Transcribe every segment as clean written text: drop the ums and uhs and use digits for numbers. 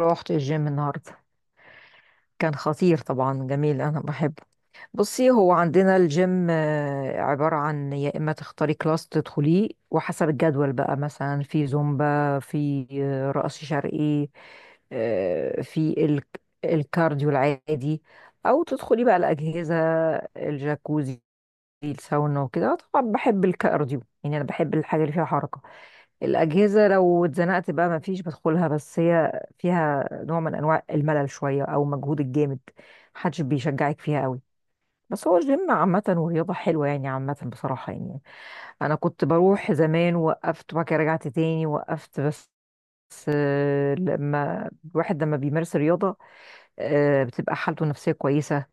رحت الجيم النهاردة. كان خطير طبعا، جميل، أنا بحبه. بصي، هو عندنا الجيم عبارة عن يا إما تختاري كلاس تدخليه وحسب الجدول بقى، مثلا في زومبا، في رقص شرقي. في ال- الكارديو العادي، أو تدخلي بقى الأجهزة، الجاكوزي، الساونا وكده. طبعا بحب الكارديو، يعني أنا بحب الحاجة اللي فيها حركة. الأجهزة لو اتزنقت بقى مفيش بدخلها، بس هي فيها نوع من أنواع الملل شوية، أو مجهود الجامد، محدش بيشجعك فيها قوي. بس هو الجيم عامة ورياضة حلوة يعني، عامة بصراحة يعني. أنا كنت بروح زمان، وقفت، وبعد كده رجعت تاني، وقفت بس. بس، لما بيمارس رياضة، بتبقى حالته النفسية كويسة.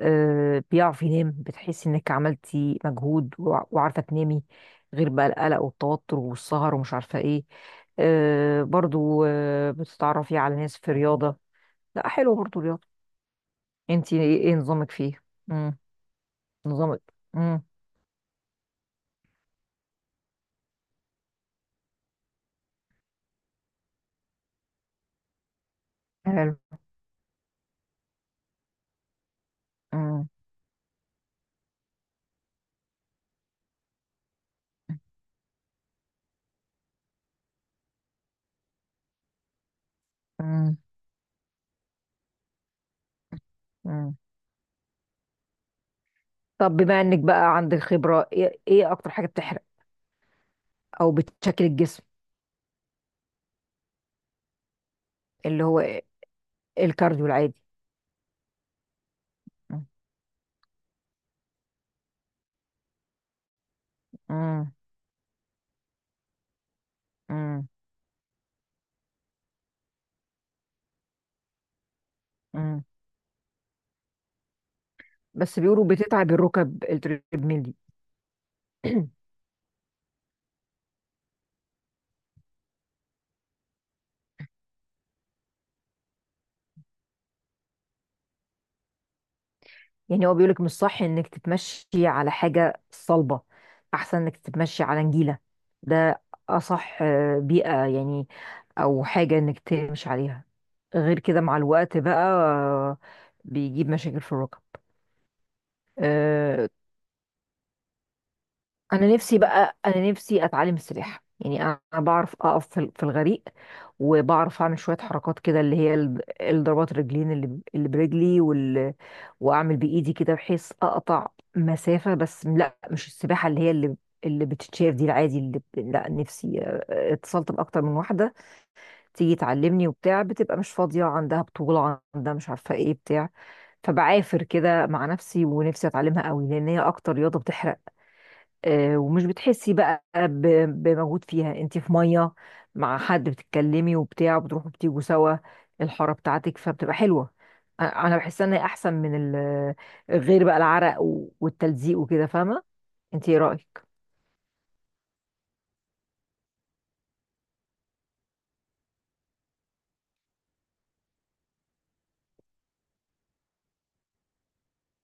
بيعرف ينام، بتحس انك عملتي مجهود وعارفة تنامي. غير بقى القلق والتوتر والسهر ومش عارفة ايه. برضو بتتعرفي على ناس في رياضة. لا، حلو برضو رياضة. انتي إيه نظامك فيه؟ مم. نظامك؟ مم. حلو. مم. مم. مم. طب بما انك بقى عندك خبرة، إيه اكتر حاجة بتحرق او بتشكل الجسم؟ اللي هو الكارديو العادي. مم. مم. مم. بس بيقولوا بتتعب الركب التريدميل دي. يعني هو بيقولك مش صح انك تتمشي على حاجة صلبة، احسن انك تتمشي على نجيلة، ده اصح بيئة يعني، او حاجة انك تمشي عليها، غير كده مع الوقت بقى بيجيب مشاكل في الركب. آه، انا نفسي اتعلم السباحه يعني، انا بعرف اقف في الغريق، وبعرف اعمل شويه حركات كده، اللي هي الضربات الرجلين اللي برجلي واعمل بايدي كده بحيث اقطع مسافه، بس لا، مش السباحه اللي هي اللي بتتشاف دي، العادي لا، نفسي اتصلت باكتر من واحده تيجي تعلمني وبتاع، بتبقى مش فاضيه، عندها بطوله، عندها مش عارفه ايه بتاع. فبعافر كده مع نفسي، ونفسي اتعلمها قوي، لان هي اكتر رياضه بتحرق ومش بتحسي بقى بمجهود فيها، انت في ميه، مع حد بتتكلمي وبتاع، وبتروحوا بتيجوا سوا الحاره بتاعتك فبتبقى حلوه. انا بحس ان هي احسن من غير بقى العرق والتلزيق وكده، فاهمه؟ انت ايه رايك؟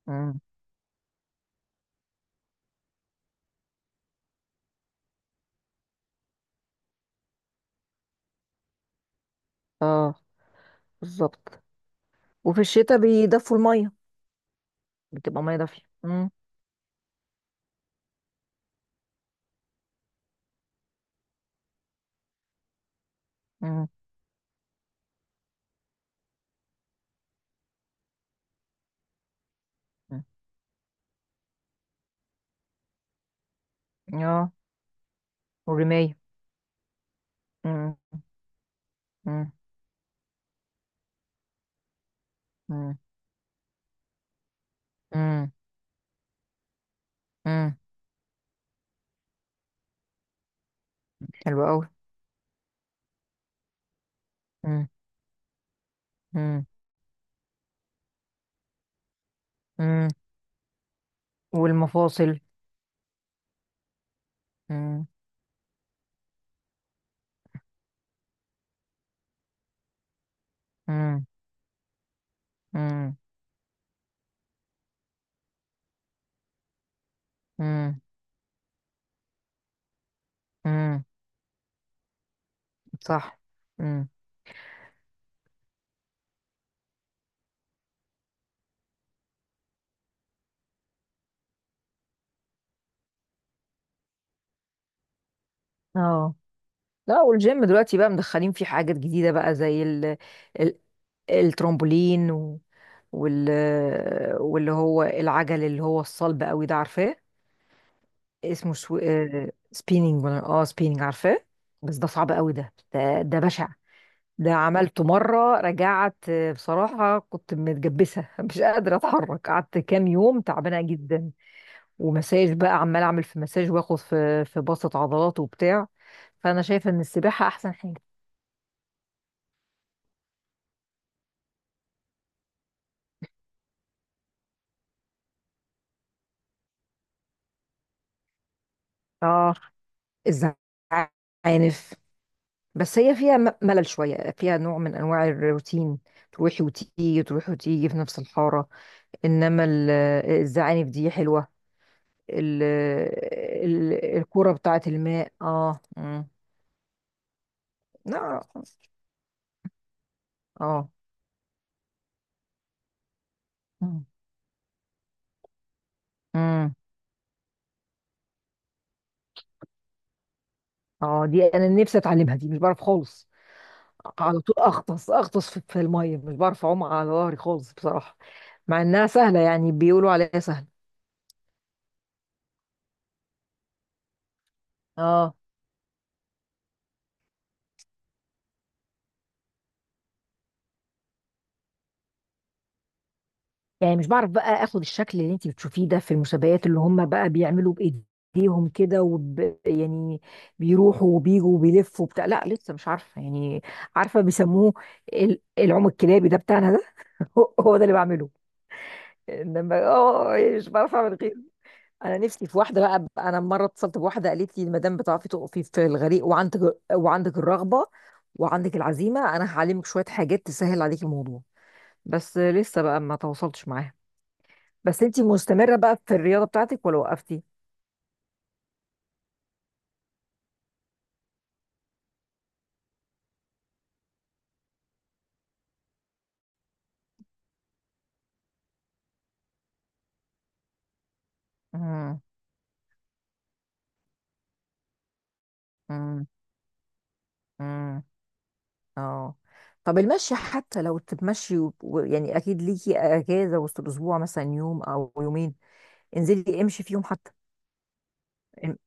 امم. اه. بالظبط. وفي الشتاء بيدفوا الميه، بتبقى ميه دافيه. امم. امم. أمم. اه. والرمايه. امم. امم. امم. امم. أمم. حلو قوي. امم. امم. أمم. والمفاصل. امم. امم. امم. امم. صح. امم. اه. لا، والجيم دلوقتي بقى مدخلين فيه حاجات جديدة بقى، زي ال الترامبولين و... وال واللي هو العجل اللي هو الصلب قوي ده، عارفاه. اسمه سبيننج ولا، اه، سبيننج، عارفاه. بس ده صعب قوي، ده بشع. ده عملته مرة، رجعت بصراحة كنت متجبسة مش قادرة اتحرك، قعدت كام يوم تعبانة جدا. ومساج بقى، عمال اعمل في مساج، واخد في بسط عضلات وبتاع، فانا شايفه ان السباحه احسن حاجه. اه، الزعانف. بس هي فيها ملل شويه، فيها نوع من انواع الروتين، تروحي وتيجي، تروحي وتيجي في نفس الحاره، انما الزعانف دي حلوه. ال- الكوره بتاعه الماء. اه. مم. لا. اه. مم. مم. اه، دي انا نفسي اتعلمها، دي مش بعرف خالص، على طول اغطس اغطس في الميه، مش بعرف اعوم على ظهري خالص بصراحه، مع انها سهله، يعني بيقولوا عليها سهله. اه، يعني مش بعرف بقى اخد الشكل اللي انت بتشوفيه ده في المسابقات، اللي هم بقى بيعملوا بايديهم كده يعني بيروحوا وبيجوا وبيلفوا بتاع. لا، لسه مش عارفه يعني. عارفه بيسموه العوم الكلابي ده بتاعنا ده. هو هو ده اللي بعمله، انما اه، يعني مش بعرف اعمل غيره. انا نفسي في واحده بقى، انا مره اتصلت بواحده قالت لي: المدام بتعرفي تقفي في الغريق، وعندك الرغبه وعندك العزيمه، انا هعلمك شويه حاجات تسهل عليك الموضوع، بس لسه بقى ما تواصلتش معاها. بس انتي مستمره بقى في الرياضه بتاعتك ولا وقفتي؟ امم. امم. امم. اه. طب المشي، حتى لو تتمشي يعني، اكيد ليكي اجازه وسط الاسبوع مثلا، يوم او يومين، انزلي امشي فيهم حتى. ام-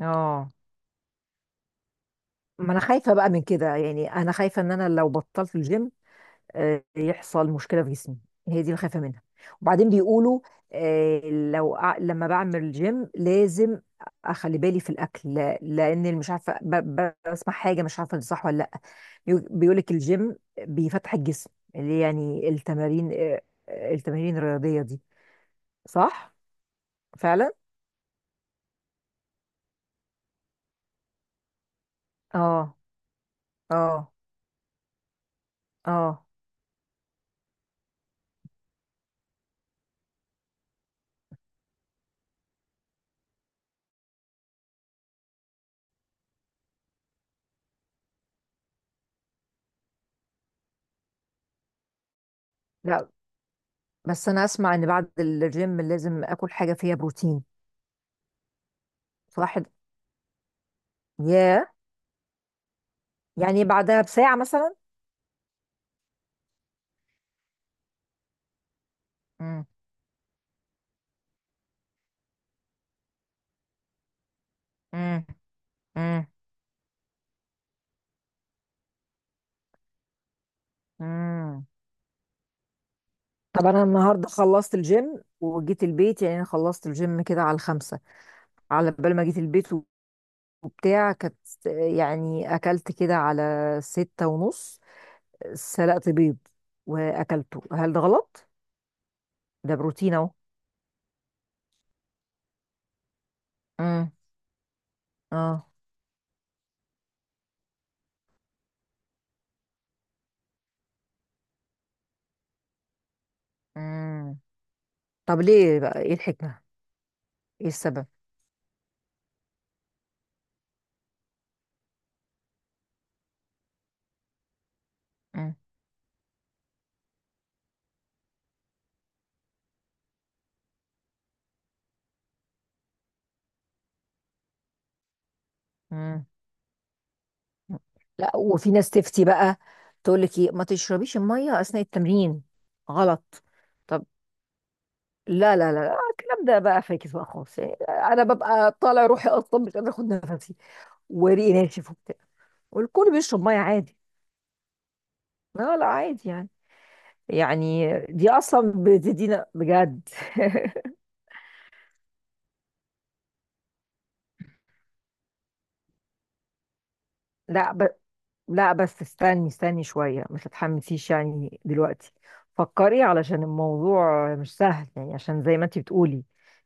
اه. ما انا خايفه بقى من كده يعني، انا خايفه ان انا لو بطلت الجيم يحصل مشكله في جسمي، هي دي اللي خايفه منها. وبعدين بيقولوا آه، لما بعمل جيم لازم اخلي بالي في الاكل، لان مش عارفه بسمع حاجه، مش عارفه دي صح ولا لا. بيقولك الجيم بيفتح الجسم، اللي يعني التمارين آه، آه، التمارين الرياضيه دي. صح، فعلا. اه. اه. اه. لا، بس انا اسمع ان بعد الجيم لازم اكل حاجه فيها بروتين. صح. ياه. يعني بعدها بساعه مثلا؟ مم. مم. مم. طب انا النهارده خلصت الجيم وجيت البيت، يعني انا خلصت الجيم كده على 5، على بال ما جيت البيت وبتاع، كانت يعني اكلت كده على 6:30، سلقت بيض واكلته، هل ده غلط؟ ده بروتين اهو. مم. اه. مم. طب ليه بقى؟ ايه الحكمة؟ ايه السبب؟ مم. مم. لا، وفي ناس تفتي بقى، تقول لك ايه: ما تشربيش المية اثناء التمرين. غلط. طب. لا، لا، لا، لا، الكلام ده بقى فاكس بقى خالص يعني، انا ببقى طالع روحي اصلا، مش قادره اخد نفسي، وريقي ناشف وبتاع، والكل بيشرب ميه عادي. لا، لا، عادي يعني. يعني دي اصلا بتدينا بجد. لا. لا، بس استني استني شوية، ما تتحمسيش يعني دلوقتي. فكري، علشان الموضوع مش سهل يعني، عشان زي ما انتي بتقولي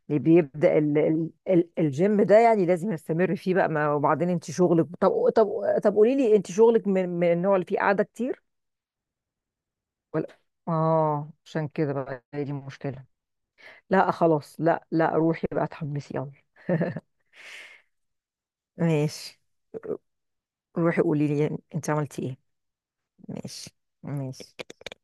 اللي بيبدأ ال ال ال الجيم ده يعني، لازم يستمر فيه بقى، ما وبعدين انت شغلك. طب، طب، طب قولي لي، انت شغلك من النوع اللي فيه قعدة كتير ولا؟ اه، عشان كده بقى، هي دي المشكلة. لا، خلاص، لا، لا، روحي بقى اتحمسي، يلا. ماشي، روحي قولي لي انت عملتي ايه. ماشي. ماشي.